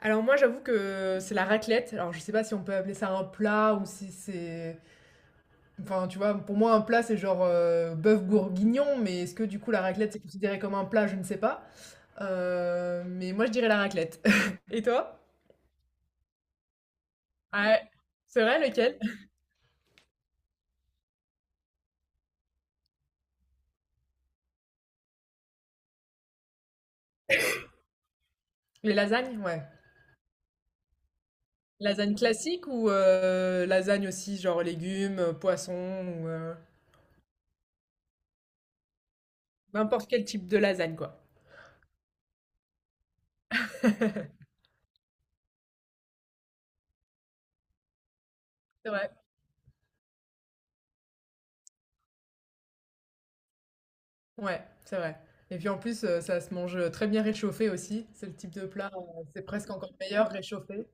Alors moi j'avoue que c'est la raclette. Alors je sais pas si on peut appeler ça un plat ou si c'est... Enfin tu vois, pour moi un plat c'est genre bœuf bourguignon, mais est-ce que du coup la raclette c'est considéré comme un plat, je ne sais pas. Mais moi je dirais la raclette. Et toi? Ouais. C'est vrai lequel? Les lasagnes? Ouais. Lasagne classique ou lasagne aussi genre légumes, poissons ou n'importe quel type de lasagne quoi. C'est vrai. Ouais, c'est vrai. Et puis en plus, ça se mange, très bien réchauffé aussi. C'est le type de plat, c'est presque encore meilleur réchauffé.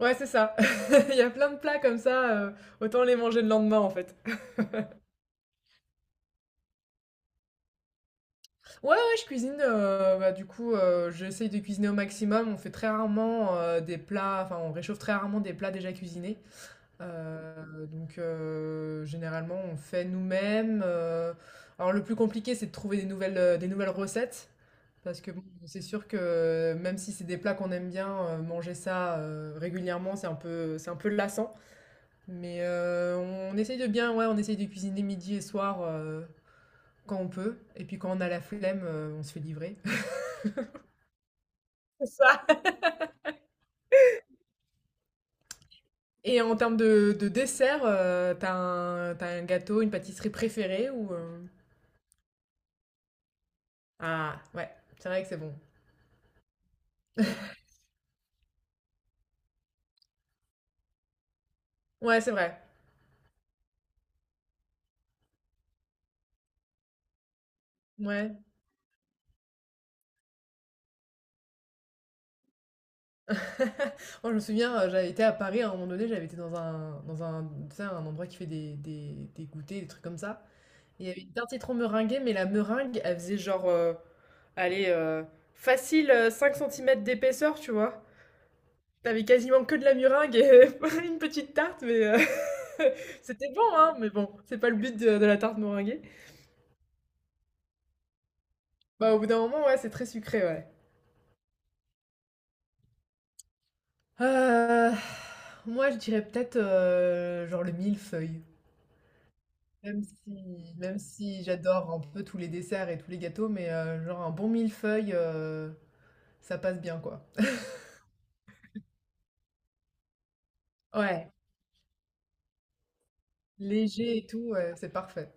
Ouais, c'est ça. Il y a plein de plats comme ça, autant les manger le lendemain en fait. Ouais, ouais, je cuisine, bah, du coup, j'essaye de cuisiner au maximum. On fait très rarement, des plats enfin, on réchauffe très rarement des plats déjà cuisinés. Donc généralement, on fait nous-mêmes, alors le plus compliqué, c'est de trouver des nouvelles recettes. Parce que bon, c'est sûr que même si c'est des plats qu'on aime bien, manger ça régulièrement, c'est un peu lassant. Mais on, essaye de bien, ouais, on essaye de cuisiner midi et soir quand on peut. Et puis quand on a la flemme, on se fait livrer. C'est ça. Et en termes de dessert, t'as un gâteau, une pâtisserie préférée ou Ah, ouais, c'est vrai que c'est bon. Ouais, c'est vrai. Ouais. Moi, je me souviens, j'avais été à Paris à un moment donné, j'avais été dans un, tu sais, un endroit qui fait des goûters, des trucs comme ça. Et il y avait une tarte citron meringuée, mais la meringue, elle faisait genre, allez, facile 5 cm d'épaisseur, tu vois. T'avais quasiment que de la meringue et une petite tarte, mais c'était bon, hein, mais bon, c'est pas le but de la tarte meringuée. Bah, au bout d'un moment, ouais, c'est très sucré, ouais. Euh, moi, je dirais peut-être genre le millefeuille. Même si j'adore un peu tous les desserts et tous les gâteaux, mais genre un bon millefeuille, ça passe bien, quoi. Ouais, léger et tout, ouais, c'est parfait.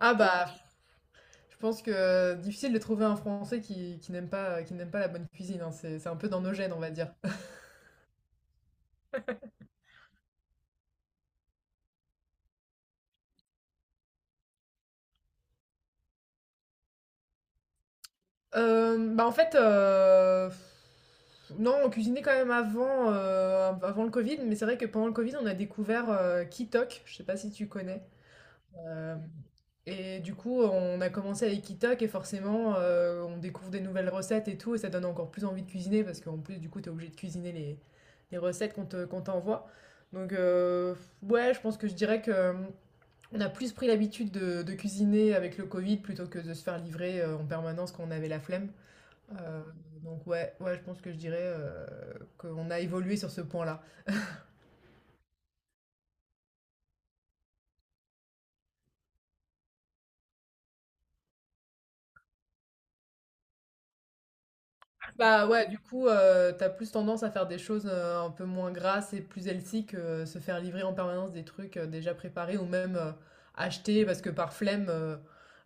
Ah bah, je pense que difficile de trouver un Français qui n'aime pas la bonne cuisine, hein, c'est un peu dans nos gènes, on va dire. Bah, en fait, non, on cuisinait quand même avant, avant le Covid, mais c'est vrai que pendant le Covid, on a découvert, Kitok, je sais pas si tu connais? Euh, et du coup, on a commencé avec Itok et forcément, on découvre des nouvelles recettes et tout, et ça donne encore plus envie de cuisiner parce qu'en plus, du coup, t'es obligé de cuisiner les recettes qu'on t'envoie. Donc, ouais, je pense que je dirais que on a plus pris l'habitude de cuisiner avec le Covid plutôt que de se faire livrer en permanence quand on avait la flemme. Euh, donc, ouais, ouais, je pense que je dirais qu'on a évolué sur ce point-là. Bah ouais, du coup, t'as plus tendance à faire des choses un peu moins grasses et plus healthy que se faire livrer en permanence des trucs déjà préparés ou même acheter parce que par flemme,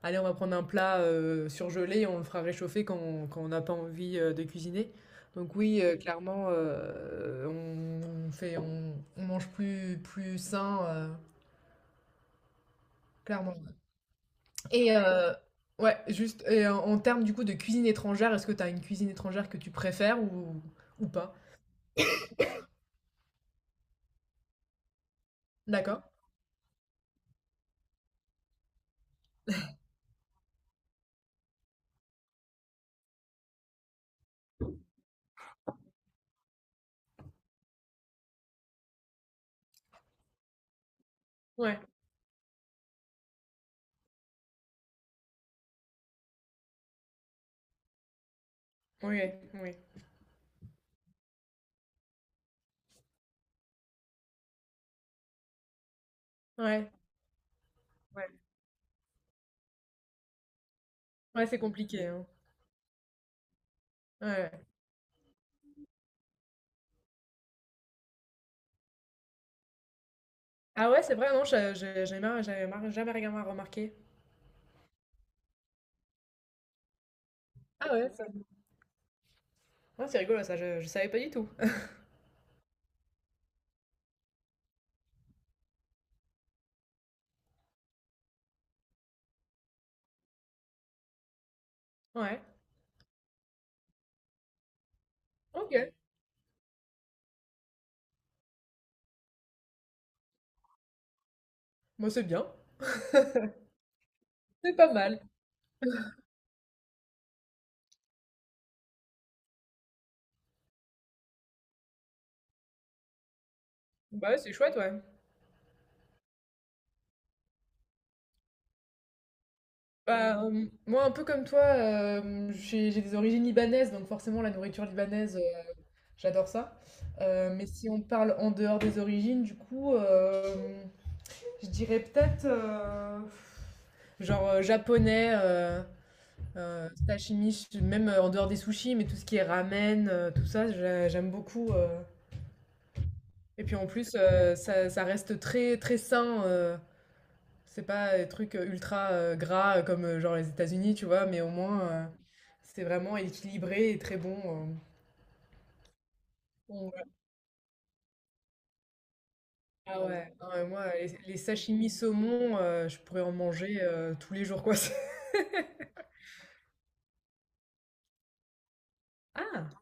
allez, on va prendre un plat surgelé et on le fera réchauffer quand on n'a pas envie de cuisiner. Donc oui, clairement, on mange plus sain, clairement. Et euh, ouais, juste, et en termes du coup de cuisine étrangère, est-ce que t'as une cuisine étrangère que tu préfères ou pas? D'accord. Ouais, ouais, ouais, ouais, ouais, ouais, c'est compliqué, hein. Ouais. Ouais. Ah ouais, c'est vrai, non, je- j'ai marre- j'avais marre- jamais rien remarqué. Ah ouais, ça. Ouais, c'est rigolo, ça, je savais pas du tout. Ouais, ok, moi c'est bien, c'est pas mal. Bah, ouais, c'est chouette, ouais. Moi, un peu comme toi, j'ai des origines libanaises, donc forcément, la nourriture libanaise, j'adore ça. Mais si on parle en dehors des origines, du coup, je dirais peut-être genre japonais. Sashimi, même en dehors des sushis, mais tout ce qui est ramen, tout ça, j'aime beaucoup. Et puis en plus, ça reste très très sain. C'est pas des trucs ultra gras comme genre les États-Unis, tu vois, mais au moins c'est vraiment équilibré et très bon. euh. Bon, ouais. Ah ouais, non, mais moi, les sashimi saumon, je pourrais en manger tous les jours, quoi. Ah!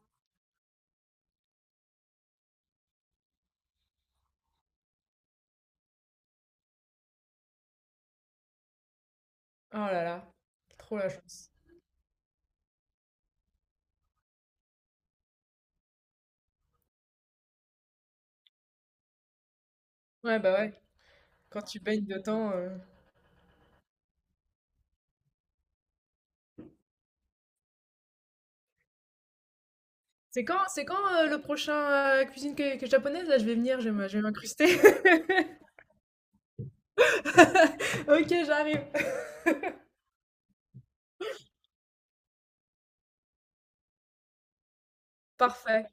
Oh là là, trop la chance. Ouais, bah ouais, quand tu baignes dedans. C'est quand le prochain cuisine que japonaise? Là, je vais venir, je vais m'incruster. Ok, j'arrive. Parfait.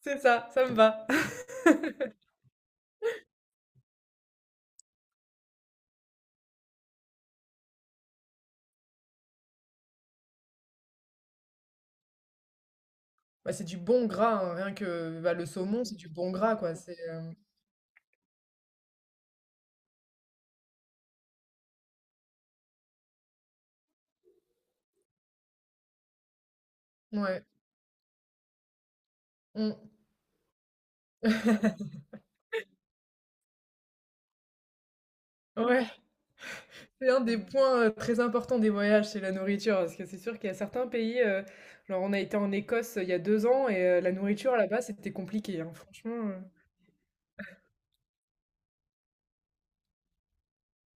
C'est ça, ça me va. Bah, c'est du bon gras, hein, rien que bah, le saumon, c'est du bon gras, quoi. C'est Ouais, Mm. Ouais. C'est un des points très importants des voyages, c'est la nourriture, parce que c'est sûr qu'il y a certains pays. Genre, on a été en Écosse il y a 2 ans et la nourriture là-bas, c'était compliqué, hein, franchement.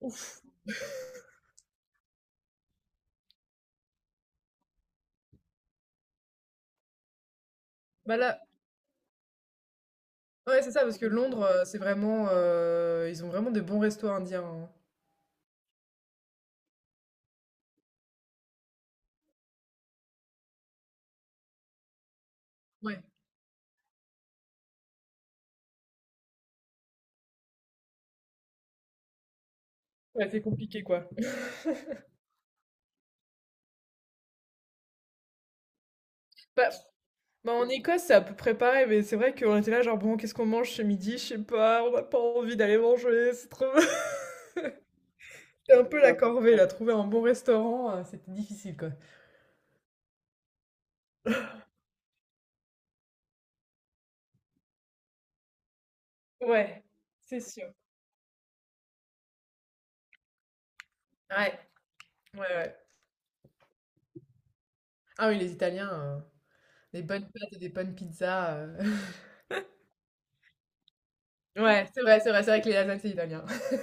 Ouf. Bah là, ouais, c'est ça, parce que Londres, c'est vraiment, ils ont vraiment de bons restos indiens, hein. Ouais. Ouais, c'est compliqué quoi. Bah, bah, en Écosse, c'est à peu près pareil, mais c'est vrai qu'on était là, genre bon, qu'est-ce qu'on mange ce midi? Je sais pas, on n'a pas envie d'aller manger, c'est trop. C'est un peu la corvée là, trouver un bon restaurant, c'était difficile quoi. Ouais, c'est sûr. Ouais, ouais, ouais. Ah oui, les Italiens, des bonnes pâtes et des bonnes pizzas. Ouais, ouais, c'est vrai, c'est vrai, c'est vrai que les lasagnes, c'est italien.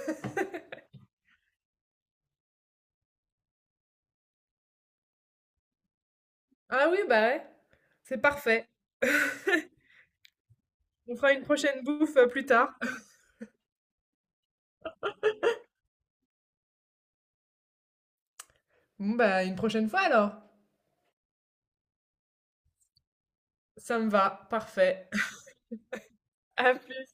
Ah oui, bah ouais, c'est parfait. On fera une prochaine bouffe plus tard. Bon, bah, une prochaine fois alors. Ça me va, parfait. À plus.